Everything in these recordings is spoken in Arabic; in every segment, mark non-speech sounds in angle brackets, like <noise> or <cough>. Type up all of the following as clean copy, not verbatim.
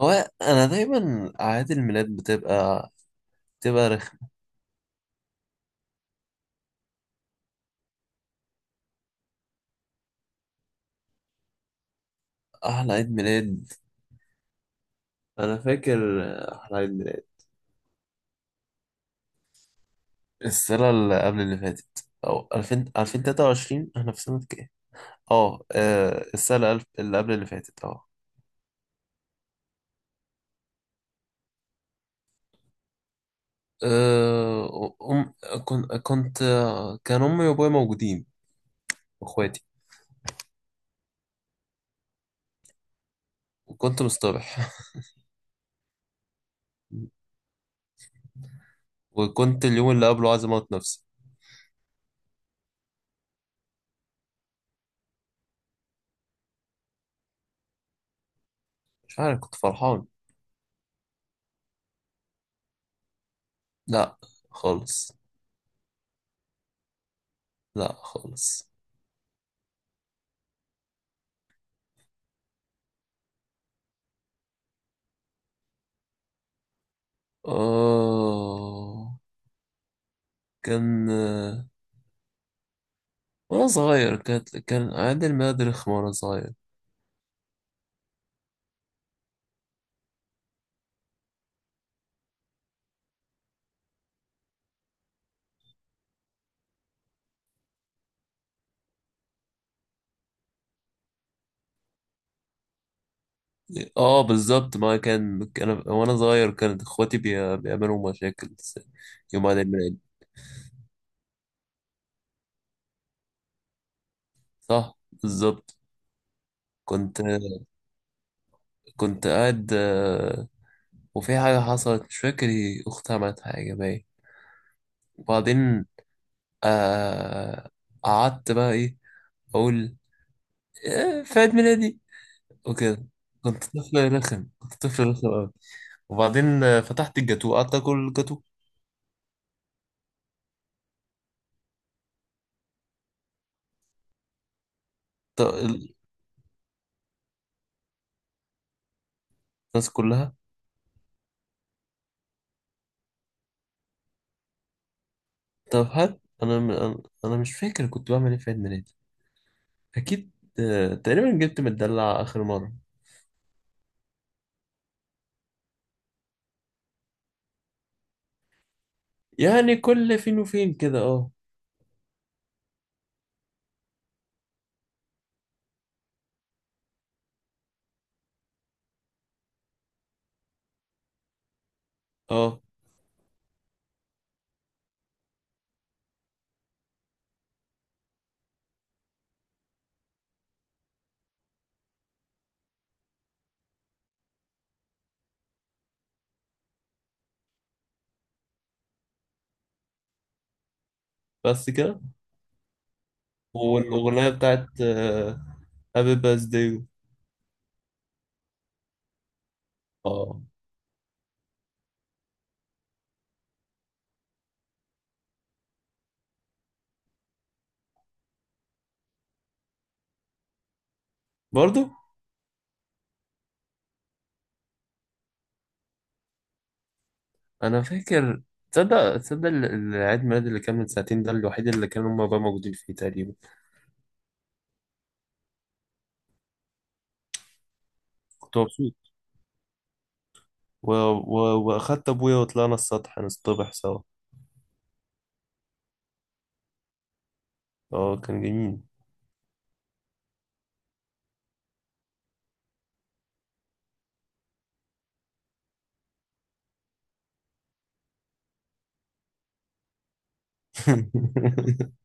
هو انا دايما اعياد الميلاد بتبقى رخمة. احلى عيد ميلاد انا فاكر احلى عيد ميلاد السنة اللي قبل اللي فاتت او 2000 2023، احنا في سنة كام؟ اه، السنة اللي قبل اللي فاتت اه. آه، أم كنت كان أمي وأبوي موجودين وإخواتي، وكنت مصطبح. <laughs> وكنت اليوم اللي قبله عايز أموت نفسي. مش عارف، كنت فرحان. لا خالص. لا خالص. آه كان، وانا صغير كان عندي الماد رخمة وانا صغير. اه بالظبط، ما كان وانا صغير كانت اخواتي بيعملوا مشاكل يوم عيد الميلاد. صح بالظبط. كنت قاعد، وفي حاجة حصلت مش فاكر إيه، اختي عملت حاجة باين. وبعدين آه، قعدت بقى ايه اقول في عيد ميلادي وكده. كنت طفل رخم أوي. وبعدين فتحت الجاتو، قعدت اكل الجاتو. طب الناس كلها. طب هات، انا مش فاكر كنت بعمل ايه في عيد ميلادي، اكيد. تقريبا جبت مدلع اخر مره. يعني كل فين وفين كده، اه. اه بس كده. والاغنيه بتاعت هابي باث داي. اه برضو. انا فاكر، تصدق العيد ميلاد اللي كان من ساعتين ده الوحيد اللي كانوا هما بقى موجودين فيه تقريبا. كنت مبسوط و... و... واخدت ابويا وطلعنا السطح نصطبح سوا. اه كان جميل. <laughs>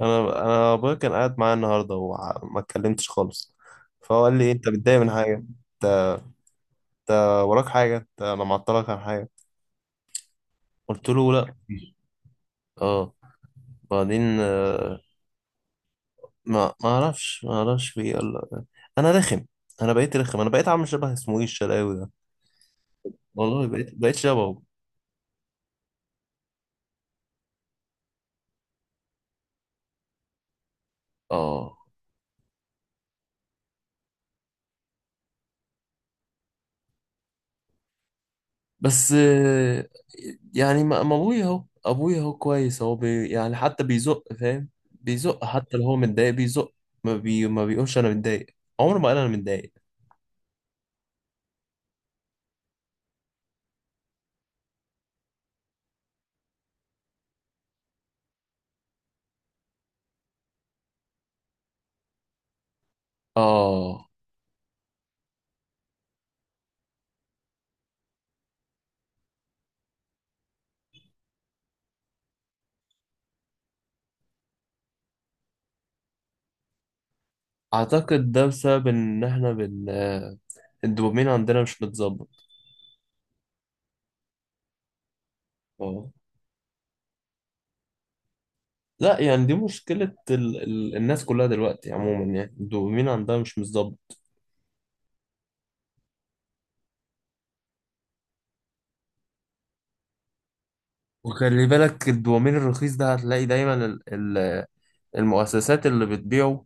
انا، ابويا كان قاعد معايا النهارده وما اتكلمتش خالص. فهو قال لي إيه، انت متضايق من حاجه، انت وراك حاجه، انا معطلك عن حاجه؟ قلت له لا. اه بعدين، ما اعرفش ما اعرفش في إيه. قال لأ. انا رخم، انا بقيت رخم، انا بقيت عامل شبه اسمه ايه الشلاوي ده. والله بقيت شبهه. اه بس، يعني ما ما ابويا اهو، ابويا اهو كويس، هو يعني حتى بيزق، فاهم، بيزق حتى لو هو متضايق بيزق. ما بيقولش انا متضايق، عمره ما قال انا متضايق. اه اعتقد ده بسبب ان احنا الدوبامين عندنا مش متظبط. اه لا، يعني دي مشكلة الناس كلها دلوقتي عموما، يعني الدوبامين عندها مش متظبط. وخلي بالك الدوبامين الرخيص ده هتلاقي دايما ال... المؤسسات اللي بتبيعه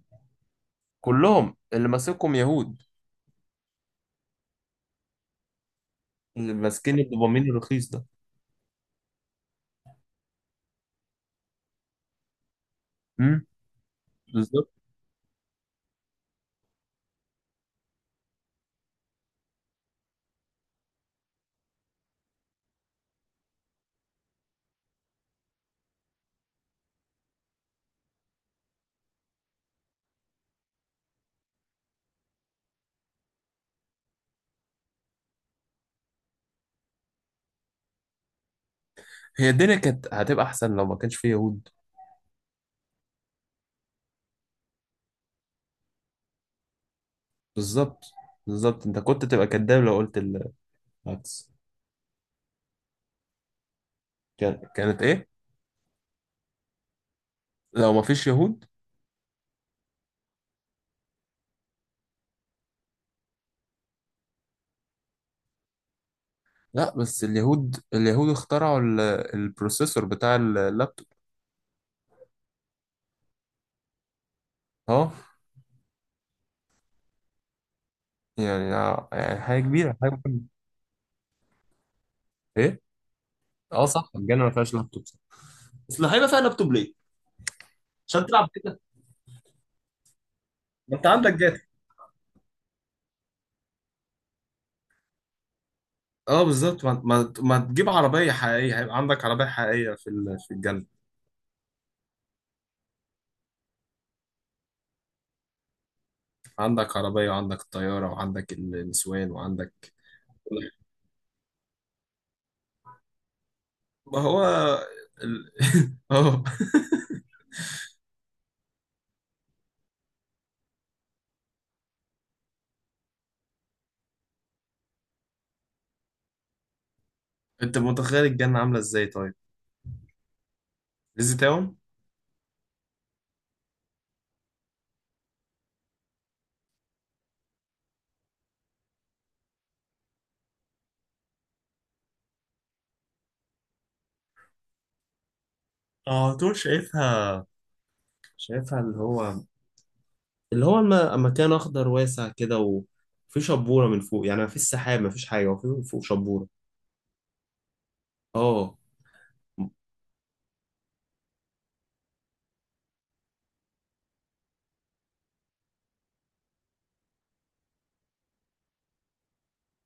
كلهم اللي ماسكهم يهود. اللي ماسكين الدوبامين الرخيص ده. امم بالظبط. هي الدنيا كانت هتبقى احسن لو ما كانش فيه يهود. بالظبط، بالظبط، انت كنت تبقى كداب لو قلت العكس. كانت ايه لو ما فيش يهود. لا بس اليهود، اليهود اخترعوا البروسيسور بتاع اللابتوب. اه. يعني، حاجه مهمه. ايه؟ اه صح الجنه ما فيهاش لابتوب صح. اصل هيبقى فيها لابتوب ليه، عشان تلعب كده؟ ما انت عندك. اه بالظبط، ما, ما, ما تجيب عربية حقيقية، هيبقى عندك عربية حقيقية في في الجنة. عندك عربية وعندك طيارة وعندك النسوان وعندك كل حاجة. ما هو ال... <laughs> اه. <laughs> انت متخيل الجنة عاملة ازاي طيب؟ ليزي تاون؟ اه طول شايفها اللي هو، مكان اخضر واسع كده، وفي شبورة من فوق. يعني مفيش سحاب مفيش حاجة، وفي فوق شبورة. اه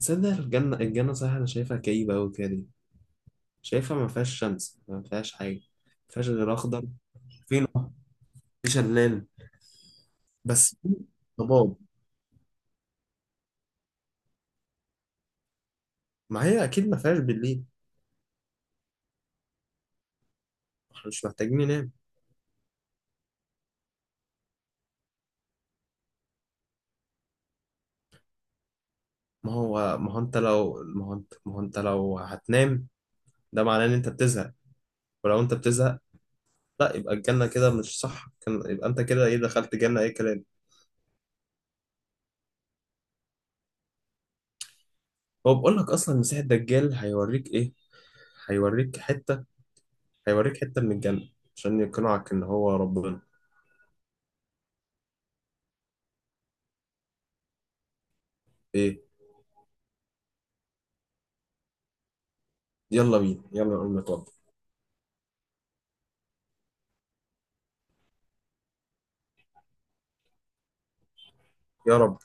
تصدق الجنة، صحيح انا شايفها كئيبة قوي كده. شايفها ما فيهاش شمس، ما فيهاش حاجة، ما فيهاش غير أخضر. فين؟ في شلال. بس في ضباب. ما هي أكيد ما فيهاش بالليل. احنا مش محتاجين ننام. ما هو ما هو أنت لو ما هو أنت ما هو أنت لو هتنام ده معناه إن أنت بتزهق. ولو أنت بتزهق، لا، يبقى الجنة كده مش صح. كان يبقى أنت كده إيه، دخلت جنة أي كلام. هو بقول لك أصلا مسيح الدجال هيوريك إيه، هيوريك حتة هيوريك حتة من الجنة، عشان يقنعك إن هو ربنا. إيه؟ يلا بينا يلا نقوم نتوضى. يا رب.